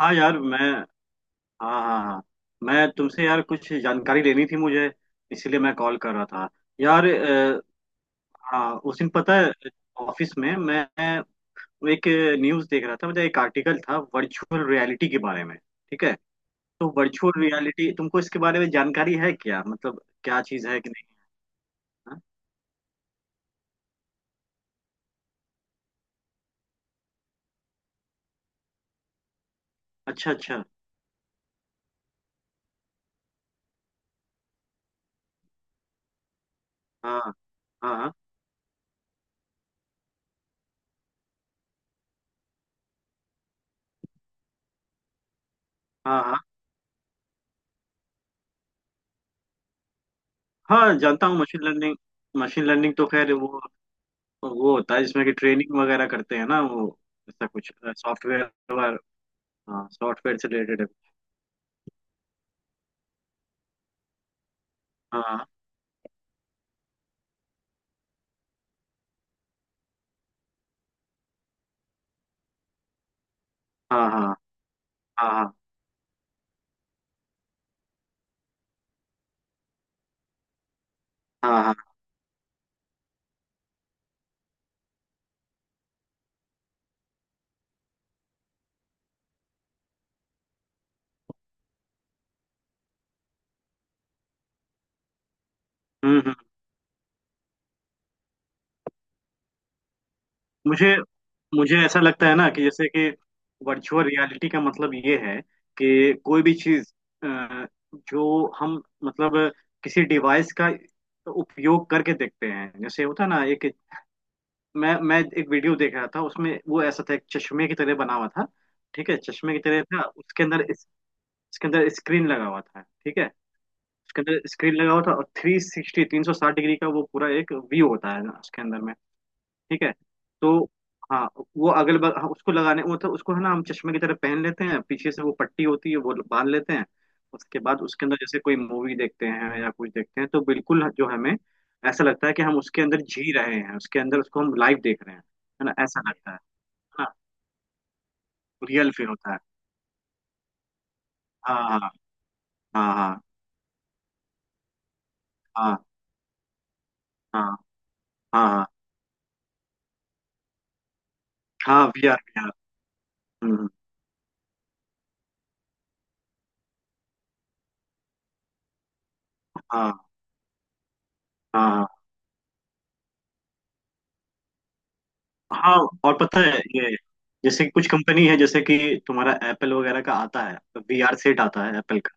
हाँ यार। मैं हाँ, हाँ, हाँ। मैं तुमसे यार कुछ जानकारी लेनी थी मुझे, इसीलिए मैं कॉल कर रहा था यार। हाँ उस दिन पता है, ऑफिस में मैं एक न्यूज़ देख रहा था, मतलब एक आर्टिकल था वर्चुअल रियलिटी के बारे में, ठीक है। तो वर्चुअल रियलिटी, तुमको इसके बारे में जानकारी है क्या, मतलब क्या चीज़ है कि नहीं? हाँ? अच्छा अच्छा। हाँ, हाँ, हाँ, हाँ, हाँ। हाँ जानता हूँ मशीन लर्निंग। मशीन लर्निंग तो खैर वो होता है जिसमें कि ट्रेनिंग वगैरह करते हैं ना, वो ऐसा कुछ सॉफ्टवेयर। हाँ सॉफ्टवेयर से रिलेटेड है। हाँ हाँ, हाँ, हाँ, हाँ, हाँ, हाँ, हम्म, हम्म। मुझे मुझे ऐसा लगता है ना कि जैसे कि वर्चुअल रियलिटी का मतलब ये है कि कोई भी चीज जो हम मतलब किसी डिवाइस का उपयोग करके देखते हैं, जैसे होता है ना एक। मैं एक वीडियो देख रहा था, उसमें वो ऐसा था, एक चश्मे की तरह बना हुआ था, ठीक है, चश्मे की तरह था। उसके अंदर स्क्रीन लगा हुआ था, ठीक है। उसके अंदर स्क्रीन लगा हुआ था, और 360 360 डिग्री का वो पूरा एक व्यू होता है ना उसके अंदर में, ठीक है। तो हाँ वो अगल बगल। हाँ, उसको लगाने वो तो उसको है ना, हम चश्मे की तरह पहन लेते हैं, पीछे से वो पट्टी होती है, वो बांध लेते हैं। उसके बाद उसके अंदर जैसे कोई मूवी देखते हैं या कुछ देखते हैं, तो बिल्कुल जो हमें ऐसा लगता है कि हम उसके अंदर जी रहे हैं, उसके अंदर उसको हम लाइव देख रहे हैं। है ना? ऐसा लगता है ना। रियल फील होता है। हाँ हाँ, हाँ, हाँ, हाँ, हाँ, हाँ। हाँ वी आर, हाँ, हाँ, हाँ। और पता है ये, जैसे कुछ कंपनी है जैसे कि तुम्हारा एप्पल वगैरह का आता है, वीआर सेट आता है एप्पल का।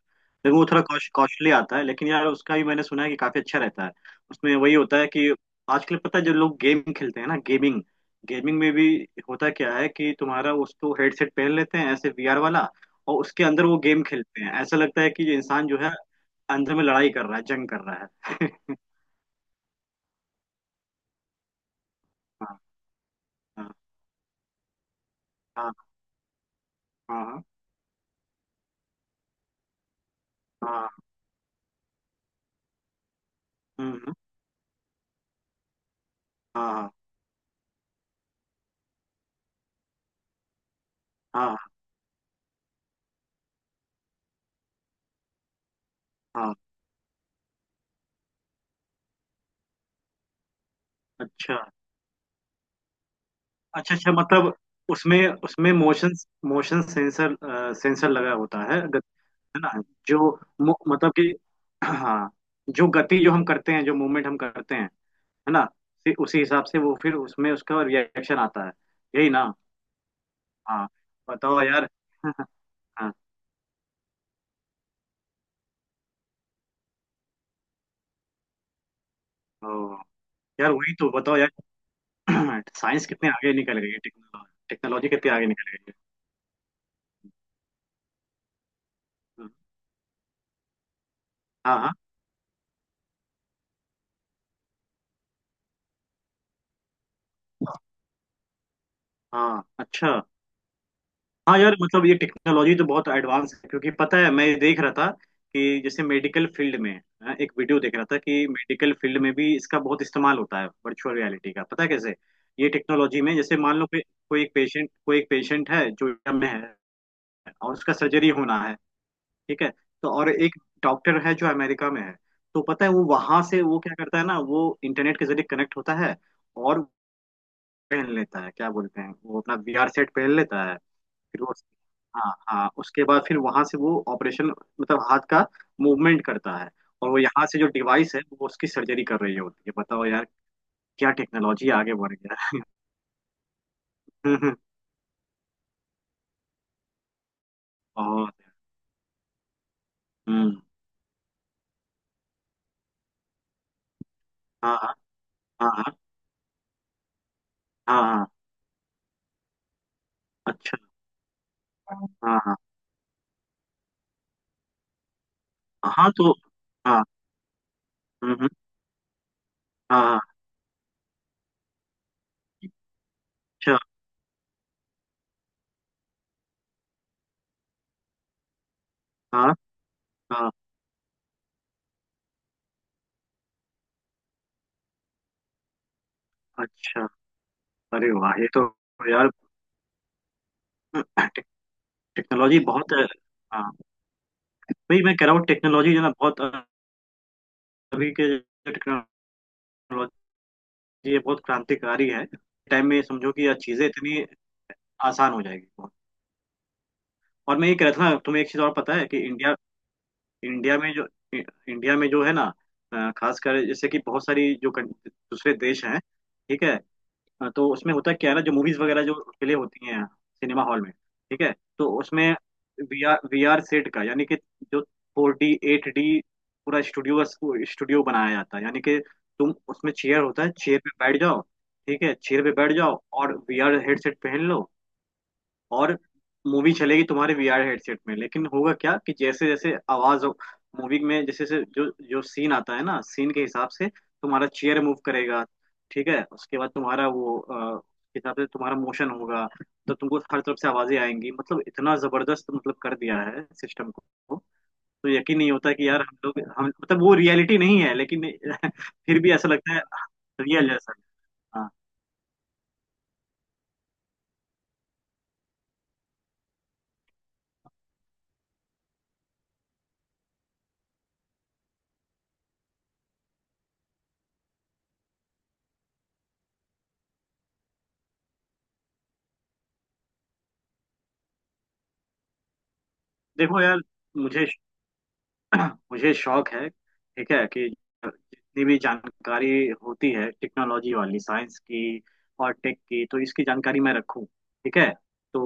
लेकिन वो थोड़ा कॉस्टली आता है, लेकिन यार उसका भी मैंने सुना है कि काफी अच्छा रहता है। उसमें वही होता है कि आजकल पता है जो लोग गेम खेलते हैं ना, गेमिंग, में भी होता क्या है कि तुम्हारा उसको हेडसेट पहन लेते हैं ऐसे वीआर वाला, और उसके अंदर वो गेम खेलते हैं, ऐसा लगता है कि ये इंसान जो है अंदर में लड़ाई कर रहा है, जंग कर रहा है। हाँ, हाँ, हाँ, हाँ, हाँ, हाँ, हाँ, हाँ, हाँ। अच्छा अच्छा। अच्छा मतलब उसमें उसमें मोशन मोशन सेंसर सेंसर लगा होता है, गति, है ना। जो मतलब कि, हाँ, जो गति जो हम करते हैं, जो मूवमेंट हम करते हैं, है ना, फिर उसी हिसाब से वो फिर उसमें उसका रिएक्शन आता है, यही ना। हाँ बताओ यार। हाँ। ओ यार वही तो बताओ यार। साइंस कितने आगे निकल गई है, टेक्नोलॉजी टेक्नोलॉजी कितनी आगे निकल गई है। हाँ, हाँ, हाँ, अच्छा। हाँ यार मतलब ये टेक्नोलॉजी तो बहुत एडवांस है, क्योंकि पता है मैं देख रहा था कि जैसे मेडिकल फील्ड में, हाँ, एक वीडियो देख रहा था कि मेडिकल फील्ड में भी इसका बहुत इस्तेमाल होता है वर्चुअल रियलिटी का, पता है कैसे। ये टेक्नोलॉजी में जैसे मान लो कि कोई एक पेशेंट है जो इंडिया में है, और उसका सर्जरी होना है, ठीक है। तो और एक डॉक्टर है जो अमेरिका में है। तो पता है वो वहां से वो क्या करता है ना, वो इंटरनेट के जरिए कनेक्ट होता है और पहन लेता है, क्या बोलते हैं वो, अपना वीआर सेट पहन लेता है। फिर वो, हाँ, हाँ, उसके बाद फिर वहां से वो ऑपरेशन मतलब हाथ का मूवमेंट करता है, और वो यहाँ से जो डिवाइस है वो उसकी सर्जरी कर रही होती है। बताओ यार, क्या टेक्नोलॉजी आगे बढ़ गया है। और हम्म, हाँ, हाँ, हाँ, हाँ, हाँ, हाँ, अच्छा। हाँ, हाँ, हाँ। तो हाँ, हम्म, हाँ, हाँ, अच्छा, हाँ, हाँ, अच्छा। अरे वाह ये तो यार, टे- टेक्नोलॉजी बहुत, हाँ वही मैं कह रहा हूँ टेक्नोलॉजी जो है ना बहुत, अभी के जो टेक्नोलॉजी, ये बहुत क्रांतिकारी है, टाइम में समझो कि ये चीजें इतनी आसान हो जाएगी। और मैं ये कह रहा था ना तुम्हें एक चीज और, पता है कि इंडिया, इंडिया में जो इंडिया में जो है ना, खासकर जैसे कि बहुत सारी जो दूसरे देश हैं, ठीक है। हाँ, तो उसमें होता क्या है ना, जो मूवीज वगैरह जो प्ले होती हैं सिनेमा हॉल में, ठीक है। तो उसमें वी आर सेट का, यानी कि जो 4D 8D पूरा स्टूडियो, बनाया जाता है, यानी कि तुम उसमें चेयर होता है, चेयर पे बैठ जाओ, ठीक है, चेयर पे बैठ जाओ और वी आर हेडसेट पहन लो। और मूवी चलेगी तुम्हारे वीआर हेडसेट में, लेकिन होगा क्या कि जैसे जैसे आवाज, मूवी में जैसे जैसे जो जो सीन आता है ना, सीन के हिसाब से तुम्हारा चेयर मूव करेगा, ठीक है। उसके बाद तुम्हारा वो उसके हिसाब से तुम्हारा मोशन होगा। तो तुमको हर तरफ से आवाजें आएंगी, मतलब इतना जबरदस्त मतलब कर दिया है सिस्टम को। तो यकीन नहीं होता कि यार हम लोग, हम मतलब वो रियलिटी नहीं है, लेकिन फिर भी ऐसा लगता है रियल जैसा। हाँ। देखो यार मुझे मुझे शौक है, ठीक है कि जितनी भी जानकारी होती है टेक्नोलॉजी वाली, साइंस की और टेक की, तो इसकी जानकारी मैं रखूं, ठीक है। तो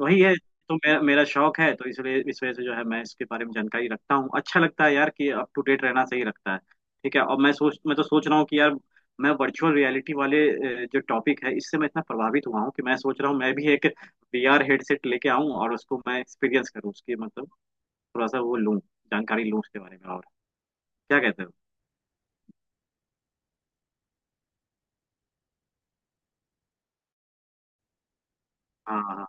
वही है, तो मेरा मेरा शौक है, तो इसलिए इस वजह से जो है मैं इसके बारे में जानकारी रखता हूँ। अच्छा लगता है यार कि अप टू डेट रहना सही रखता है, ठीक है। और मैं तो सोच रहा हूँ कि यार, मैं वर्चुअल रियलिटी वाले जो टॉपिक है, इससे मैं इतना प्रभावित हुआ हूँ कि मैं सोच रहा हूँ मैं भी एक वीआर हेडसेट लेके आऊं, और उसको मैं एक्सपीरियंस करूँ, उसकी मतलब थोड़ा सा वो लूँ, जानकारी लूँ उसके बारे में और। क्या कहते हो? हाँ, हाँ, हाँ।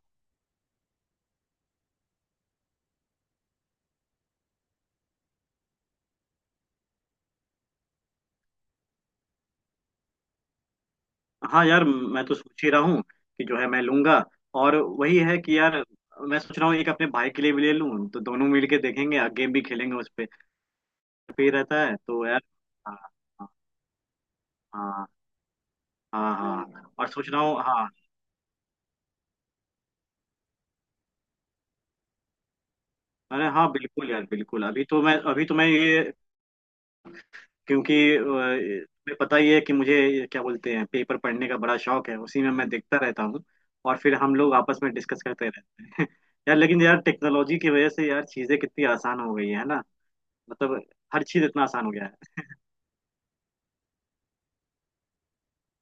हाँ यार मैं तो सोच ही रहा हूँ कि जो है मैं लूंगा, और वही है कि यार, मैं सोच रहा हूँ एक अपने भाई के लिए भी ले लूँ, तो दोनों मिल के देखेंगे और गेम भी खेलेंगे उस पे। फ्री रहता है तो यार। हाँ, हाँ, हाँ, हाँ, हाँ। और सोच रहा हूँ, हाँ। अरे हाँ बिल्कुल यार बिल्कुल, अभी तो मैं, अभी तो मैं ये, क्योंकि तुम्हें पता ही है कि मुझे ये क्या बोलते हैं पेपर पढ़ने का बड़ा शौक है, उसी में मैं देखता रहता हूँ, और फिर हम लोग आपस में डिस्कस करते रहते हैं। यार लेकिन यार टेक्नोलॉजी की वजह से यार चीजें कितनी आसान हो गई है ना, मतलब हर चीज इतना आसान हो गया है।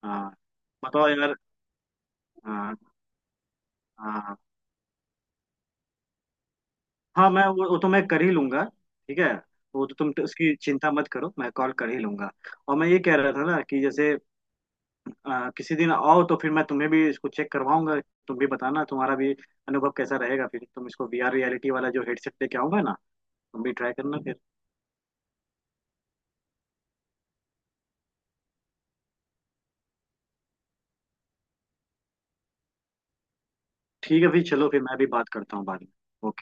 हाँ बताओ यार। हाँ, हाँ, हाँ, मैं वो तो मैं कर ही लूंगा, ठीक है, वो तो तुम उसकी चिंता मत करो, मैं कॉल कर ही लूंगा। और मैं ये कह रहा था ना कि जैसे किसी दिन आओ तो फिर मैं तुम्हें भी इसको चेक करवाऊंगा, तुम भी बताना तुम्हारा भी अनुभव कैसा रहेगा, फिर तुम इसको वीआर रियलिटी वाला जो हेडसेट लेके आओगे ना, तुम भी ट्राई करना फिर। ठीक है, फिर चलो, फिर मैं भी बात करता हूँ बाद में।